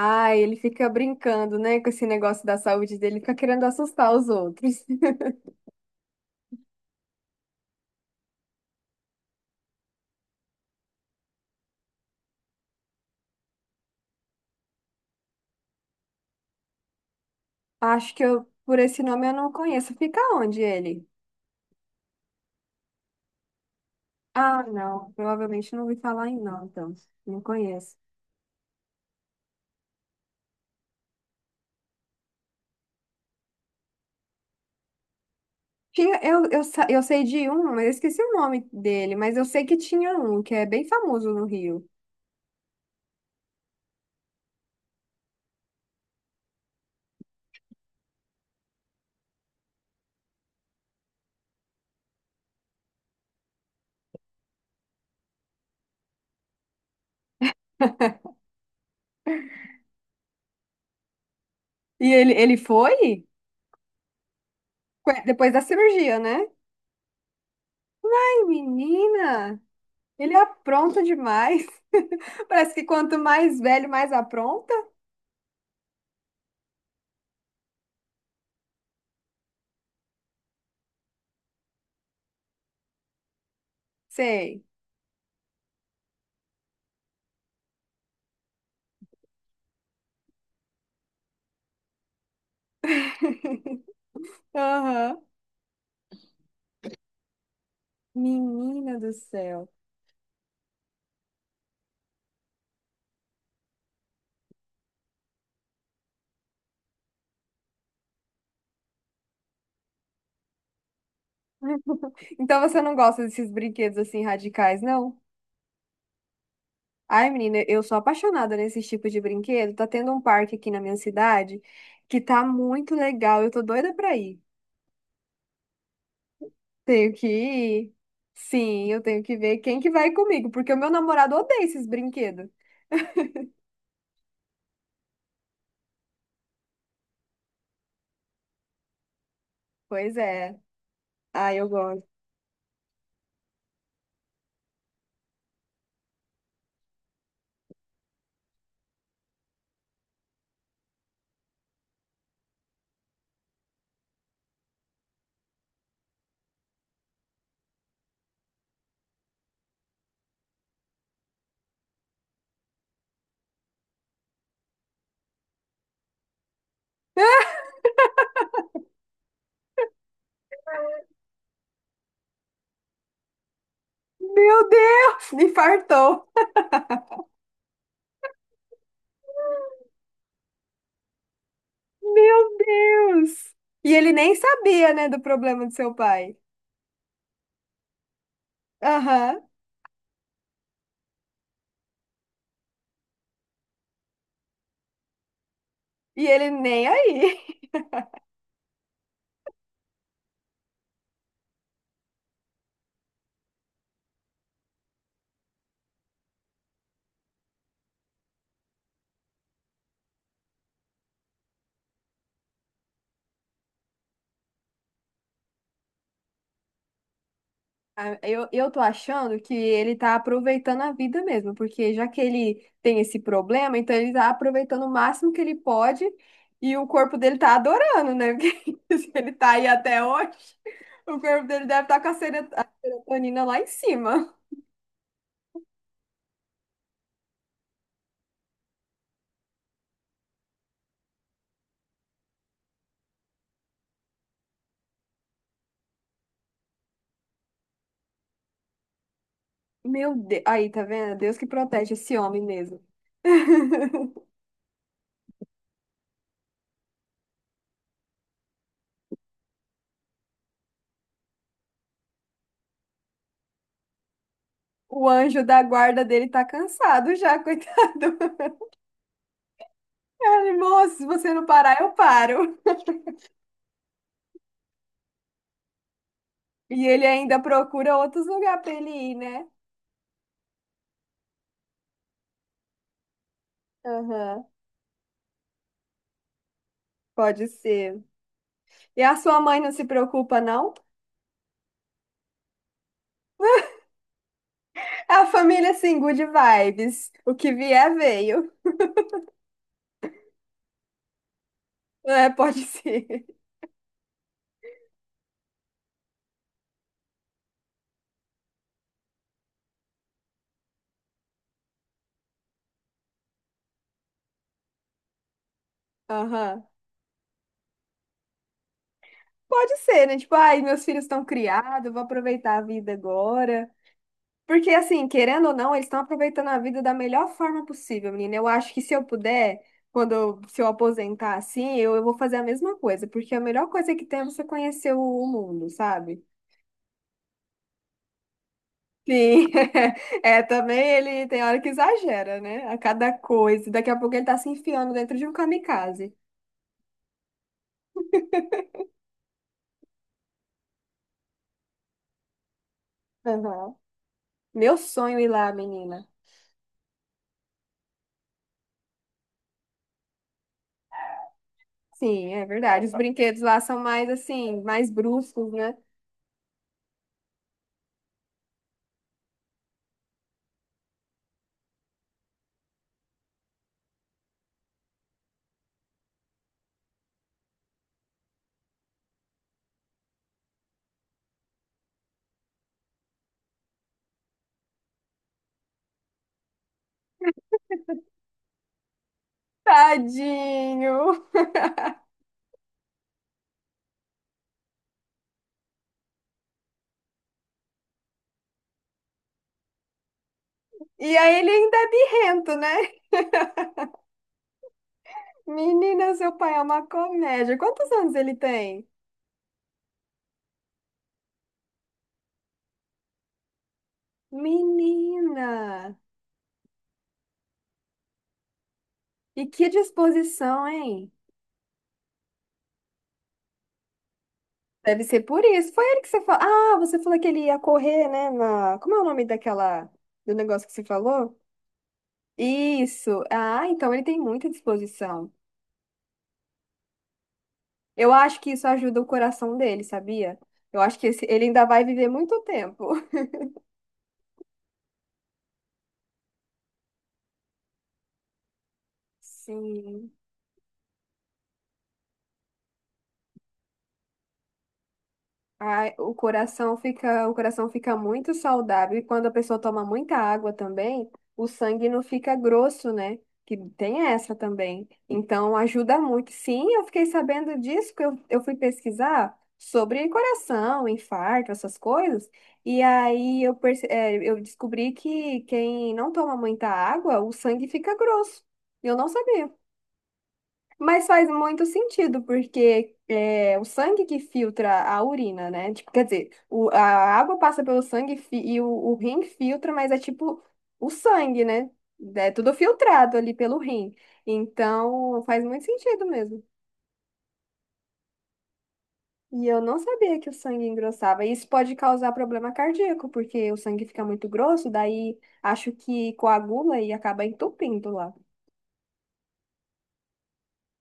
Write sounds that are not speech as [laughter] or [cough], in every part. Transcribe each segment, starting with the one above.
Ah, ele fica brincando, né, com esse negócio da saúde dele, fica querendo assustar os outros. [laughs] Acho que eu, por esse nome eu não conheço. Fica onde ele? Ah, não, provavelmente não ouvi falar em não, então, não conheço. Tinha, eu sei de um, mas eu esqueci o nome dele, mas eu sei que tinha um, que é bem famoso no Rio. E ele foi? Depois da cirurgia, né? Ai, menina, ele apronta demais. [laughs] Parece que quanto mais velho, mais apronta. Sei. Aham. Menina do céu. Então você não gosta desses brinquedos assim radicais, não? Ai, menina, eu sou apaixonada nesses tipos de brinquedo. Tá tendo um parque aqui na minha cidade que tá muito legal. Eu tô doida pra ir. Tenho que ir. Sim, eu tenho que ver quem que vai comigo, porque o meu namorado odeia esses brinquedos. Pois é. Ai, eu gosto. Meu Deus, me fartou. Meu Deus. E ele nem sabia, né, do problema do seu pai. Aham. E ele nem aí. Ah, eu tô achando que ele tá aproveitando a vida mesmo, porque já que ele tem esse problema, então ele tá aproveitando o máximo que ele pode e o corpo dele tá adorando, né? [laughs] Porque se ele tá aí até hoje, o corpo dele deve estar tá com a a serotonina lá em cima. Meu Deus, aí tá vendo? Deus que protege esse homem mesmo. [laughs] O anjo da guarda dele tá cansado já, [laughs] coitado. Ele, moço, se você não parar, eu paro. E ele ainda procura outros lugares para ele ir, né? Aham, pode ser. E a sua mãe não se preocupa, não? É a família, assim, good vibes. O que vier, veio. É, pode ser. [laughs] Aham. Pode ser, né? Tipo, ai, meus filhos estão criados, vou aproveitar a vida agora. Porque, assim, querendo ou não, eles estão aproveitando a vida da melhor forma possível, menina. Eu acho que se eu puder, quando eu, se eu aposentar assim, eu vou fazer a mesma coisa. Porque a melhor coisa que tem é você conhecer o mundo, sabe? Sim, [laughs] é, também ele tem hora que exagera, né? A cada coisa. Daqui a pouco ele tá se enfiando dentro de um kamikaze. Aham. Meu sonho ir lá, menina. Sim, é verdade. Os brinquedos lá são mais assim, mais bruscos, né? Tadinho. E aí ele ainda é birrento, né? Menina, seu pai é uma comédia. Quantos anos ele tem? Menina. E que disposição, hein? Deve ser por isso. Foi ele que você falou. Ah, você falou que ele ia correr, né? Na... Como é o nome daquela... do negócio que você falou? Isso. Ah, então ele tem muita disposição. Eu acho que isso ajuda o coração dele, sabia? Eu acho que ele ainda vai viver muito tempo. [laughs] Sim. Ai, o coração fica muito saudável e quando a pessoa toma muita água também, o sangue não fica grosso, né? Que tem essa também. Então ajuda muito. Sim, eu fiquei sabendo disso, que eu fui pesquisar sobre coração, infarto, essas coisas. E aí eu, eu descobri que quem não toma muita água, o sangue fica grosso. Eu não sabia. Mas faz muito sentido, porque é o sangue que filtra a urina, né? Tipo, quer dizer, o, a água passa pelo sangue e e o rim filtra, mas é tipo o sangue, né? É tudo filtrado ali pelo rim. Então, faz muito sentido mesmo. E eu não sabia que o sangue engrossava. Isso pode causar problema cardíaco, porque o sangue fica muito grosso, daí acho que coagula e acaba entupindo lá.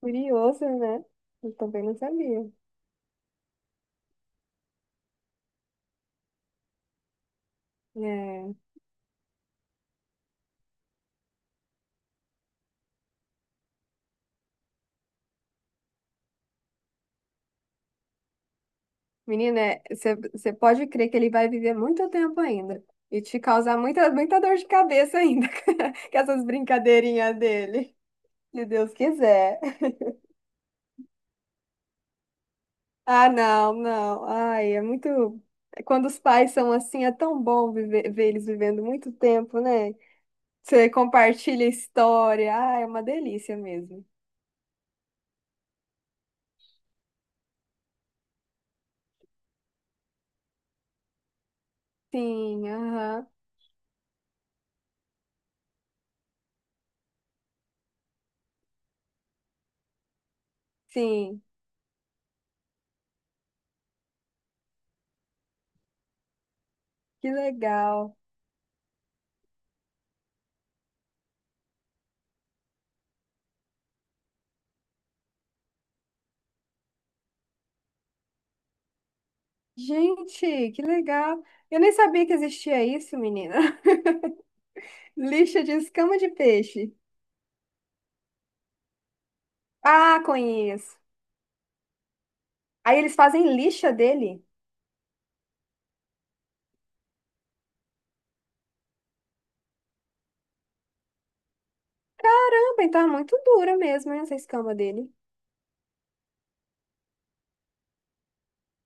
Curioso, né? Eu também não sabia. É. Menina, você pode crer que ele vai viver muito tempo ainda e te causar muita, muita dor de cabeça ainda [laughs] com essas brincadeirinhas dele, se Deus quiser. Ah, não, não. Ai, é muito. Quando os pais são assim, é tão bom viver, ver eles vivendo muito tempo, né? Você compartilha a história. Ah, é uma delícia mesmo. Sim, aham, sim. Que legal. Gente, que legal. Eu nem sabia que existia isso, menina. Lixa de escama de peixe. Ah, conheço. Aí eles fazem lixa dele. Ah, bem, tá muito dura mesmo, hein, essa escama dele.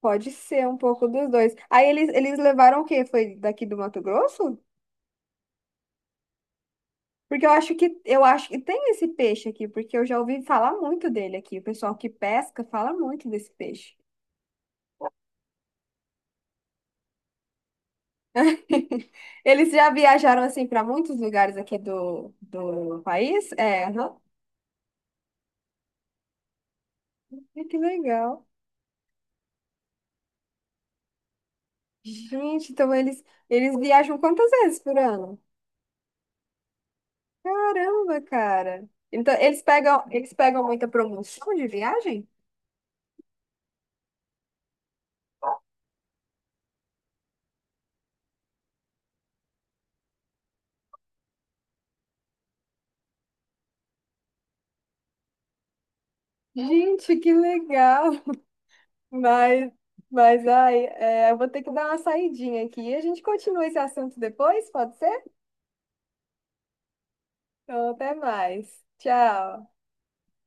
Pode ser um pouco dos dois. Aí eles levaram o quê? Foi daqui do Mato Grosso? Porque eu acho que tem esse peixe aqui, porque eu já ouvi falar muito dele aqui. O pessoal que pesca fala muito desse peixe. [laughs] Eles já viajaram assim para muitos lugares aqui do, do país? É, aham. Ai, que legal. Gente, então eles viajam quantas vezes por ano? Caramba, cara. Então, eles pegam muita promoção de viagem? Gente, que legal. Mas, mas ai, é, eu vou ter que dar uma saidinha aqui. A gente continua esse assunto depois, pode ser? Então, até mais. Tchau.